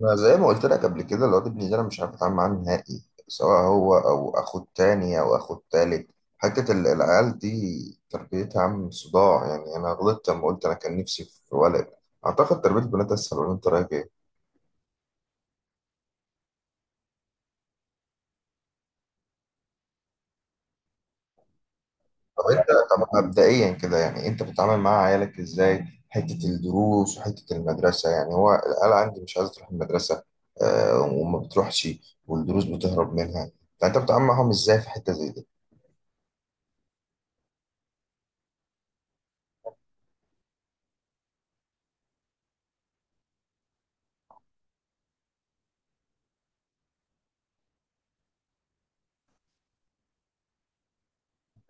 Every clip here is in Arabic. ما زي ما قلت لك قبل كده الواد ابني ده، انا مش عارف اتعامل معاه نهائي، سواء هو او اخوه التاني او اخوه التالت. حتة العيال دي تربيتها عم صداع. يعني انا غلطت لما قلت انا كان نفسي في ولد. اعتقد تربية البنات اسهل، ولا انت رايك ايه؟ طب انت طب مبدئيا كده، يعني انت بتتعامل مع عيالك ازاي؟ حتة الدروس وحتة المدرسة، يعني هو العيال عندي مش عايزة تروح المدرسة. آه، وما بتروحش. والدروس بتهرب منها. فانت بتتعامل معاهم ازاي في حتة زي دي؟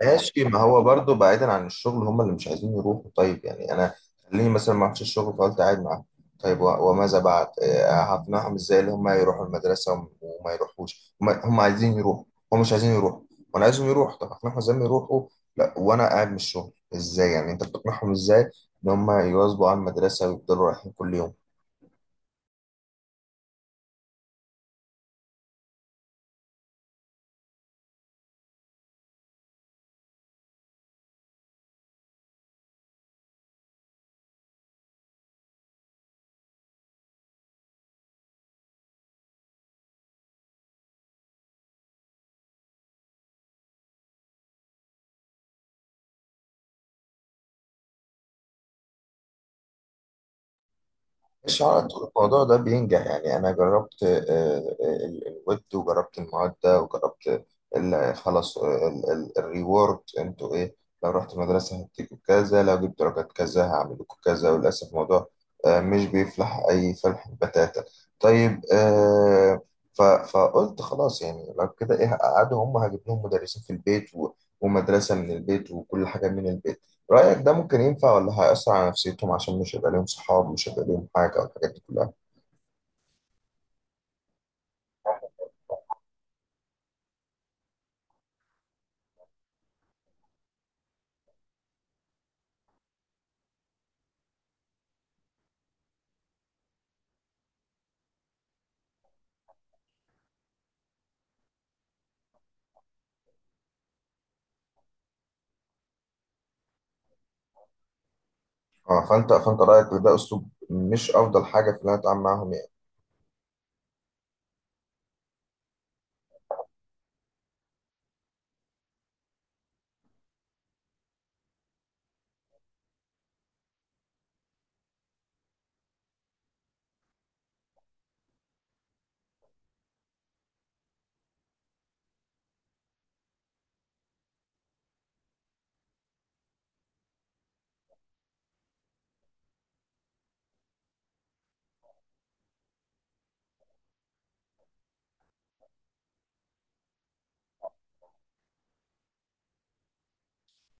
ماشي، ما هو برضه بعيدا عن الشغل هم اللي مش عايزين يروحوا. طيب يعني انا، خليني مثلا ما رحتش الشغل فقلت قاعد معاهم. طيب وماذا بعد؟ هقنعهم ازاي اللي هم يروحوا المدرسه وما يروحوش؟ هم عايزين يروحوا؟ هم مش عايزين يروحوا، وانا عايزهم يروحوا. طب هقنعهم ازاي ما يروحوا؟ لا وانا قاعد من الشغل، ازاي يعني انت بتقنعهم ازاي ان هم يواظبوا على المدرسه ويفضلوا رايحين كل يوم؟ مش على طول الموضوع ده بينجح. يعني أنا جربت الويب، وجربت المعدة، وجربت خلاص الريورد أنتوا إيه. لو رحت مدرسة هديكوا كذا، لو جبت درجات كذا هعمل لكم كذا، وللأسف الموضوع مش بيفلح أي فلح بتاتا. طيب، فقلت خلاص. يعني لو كده إيه، هقعدهم، هم هجيب لهم مدرسين في البيت ومدرسة من البيت وكل حاجة من البيت. رأيك ده ممكن ينفع، ولا هيأثر على نفسيتهم عشان مش هيبقى ليهم صحاب، مش هيبقى ليهم حاجة والحاجات دي كلها؟ اه، فأنت رأيك إن ده أسلوب مش أفضل حاجة في إن أنا أتعامل معاهم، يعني.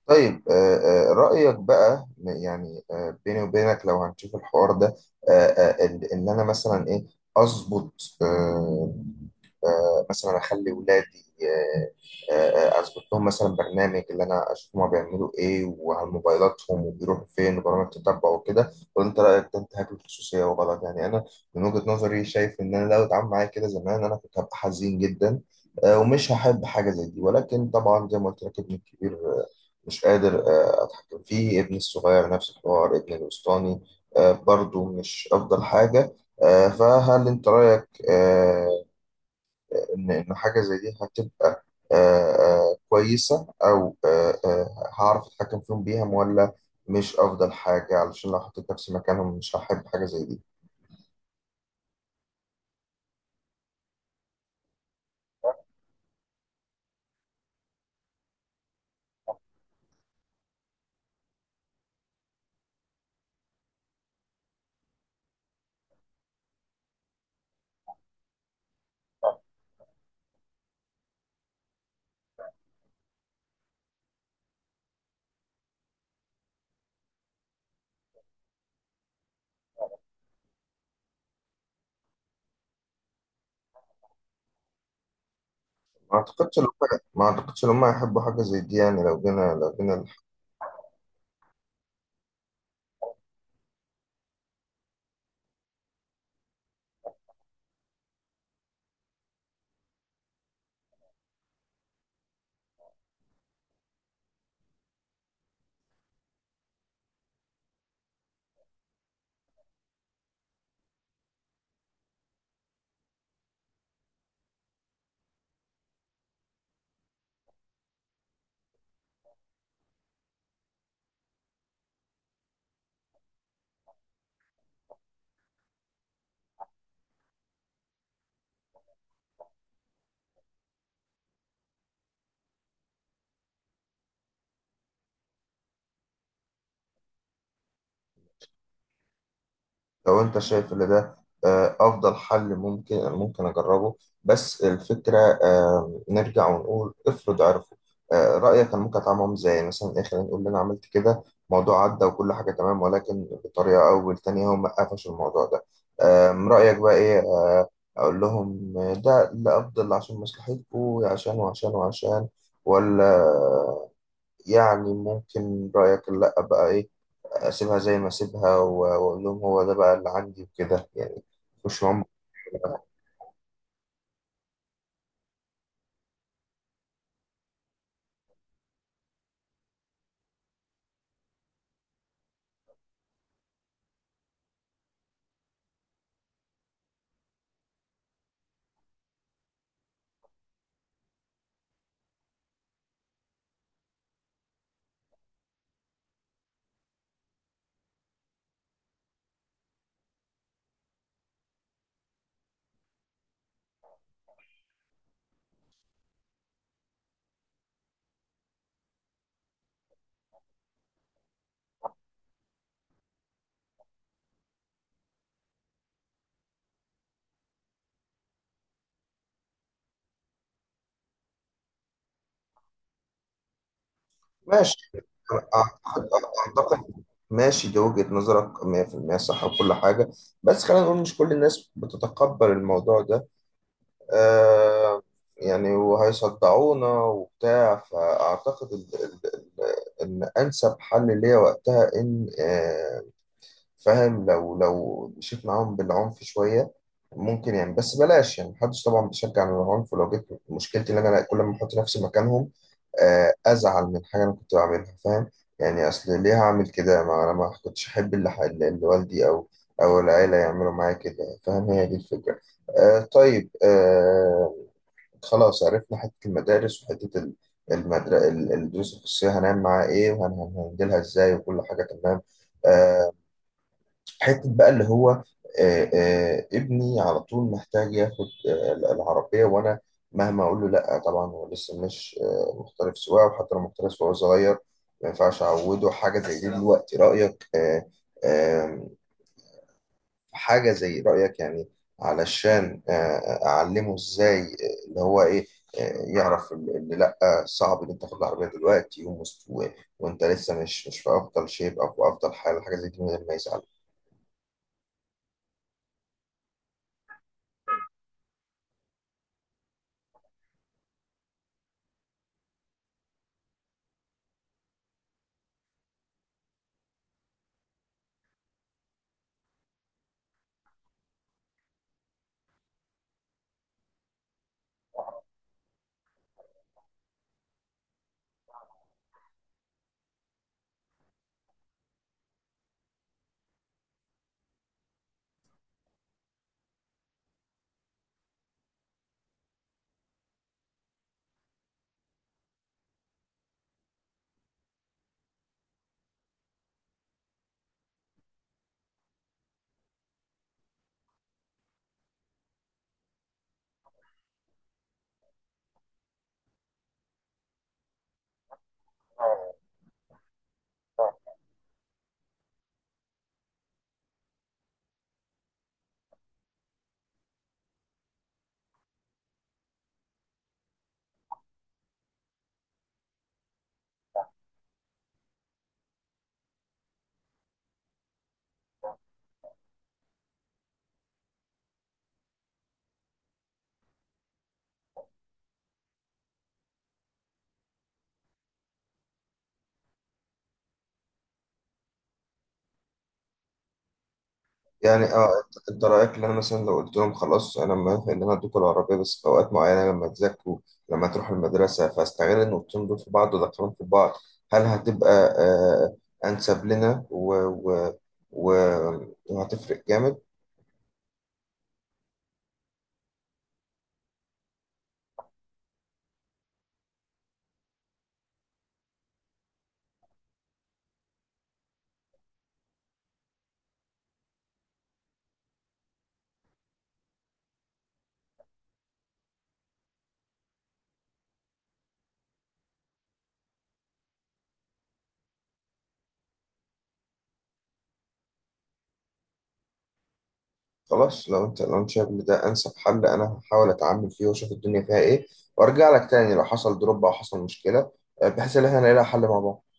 طيب رأيك بقى، يعني بيني وبينك لو هنشوف الحوار ده، إن أنا مثلا إيه، أظبط، آه، مثلا اخلي ولادي، اظبط لهم مثلا برنامج اللي انا اشوف هما بيعملوا ايه، وعلى موبايلاتهم وبيروحوا فين، وبرامج تتبع وكده. ولا انت رايك ده انتهاك للخصوصيه وغلط؟ يعني انا من وجهه نظري شايف ان انا لو اتعامل معايا كده زمان انا كنت هبقى حزين جدا. ومش هحب حاجه زي دي. ولكن طبعا زي ما قلت لك ابني الكبير مش قادر اتحكم فيه، ابني الصغير نفس الحوار، ابني الوسطاني برضو مش افضل حاجه. فهل انت رايك ان حاجه زي دي هتبقى آه، كويسه، او هعرف اتحكم فيهم بيها، ولا مش افضل حاجه؟ علشان لو حطيت نفسي مكانهم مش هحب حاجه زي دي. ما اعتقدش ان هم ما اعتقدش ان هم هيحبوا حاجه زي دي. يعني لو جينا، لو انت شايف ان ده افضل حل، ممكن اجربه. بس الفكره، نرجع ونقول، افرض عرفوا، رايك كان ممكن اتعامل معاهم ازاي؟ مثلا ايه، خلينا نقول ان انا عملت كده، موضوع عدى وكل حاجه تمام، ولكن بطريقه او بالتانيه هم قفشوا الموضوع ده. رايك بقى ايه، اقول لهم ده اللي افضل عشان مصلحتكم، عشان وعشان وعشان؟ ولا يعني ممكن رايك لا بقى ايه، اسيبها زي ما اسيبها واقول لهم هو ده بقى اللي عندي وكده، يعني مش معاهم؟ ماشي. اعتقد أعتقد- ماشي، دي وجهة نظرك 100% صح وكل حاجة، بس خلينا نقول مش كل الناس بتتقبل الموضوع ده. آه، يعني وهيصدعونا وبتاع، فأعتقد إن أنسب حل ليا وقتها إن فاهم، لو مشيت معاهم بالعنف شوية ممكن. يعني بس بلاش، يعني محدش طبعا بيشجع على العنف، ولو جيت مشكلتي ان انا كل ما احط نفسي مكانهم ازعل من حاجة انا كنت بعملها، فاهم؟ يعني اصل ليه هعمل كده، ما انا ما كنتش احب اللي اللي والدي او او العيلة يعملوا معايا كده، فاهم؟ هي دي الفكرة. آه طيب. آه، خلاص عرفنا حتة المدارس وحتة الدروس الخصوصية، هنعمل معاها ايه وهنهندلها ازاي وكل حاجة تمام. آه، حتة بقى اللي هو ابني على طول محتاج ياخد العربية، وأنا مهما أقول له لأ. طبعا هو لسه مش محترف سواقة، وحتى لو محترف وهو صغير ما ينفعش أعوده حاجة زي دي دلوقتي. رأيك آم، حاجة، زي رأيك يعني، علشان أعلمه إزاي اللي هو إيه يعرف اللي لأ، صعب إن أنت تاخد العربية دلوقتي وأنت لسه مش في أفضل شيب، أو في أفضل حال، حاجة زي دي من غير ما يزعل. يعني اه. أنت رايك ان انا مثلا لو قلت لهم خلاص انا موافق ان انا ادوكوا العربيه بس في اوقات معينه لما تذاكروا، لما تروحوا المدرسه، فاستغل النقطتين دول في بعض وادخلهم في بعض، هل هتبقى آه انسب لنا و... و... و... وهتفرق جامد؟ خلاص، لو انت شايف ان ده انسب حل انا هحاول اتعامل فيه واشوف الدنيا فيها ايه، وارجع لك تاني لو حصل دروب او حصل مشكله، بحيث ان احنا نلاقي لها حل مع بعض.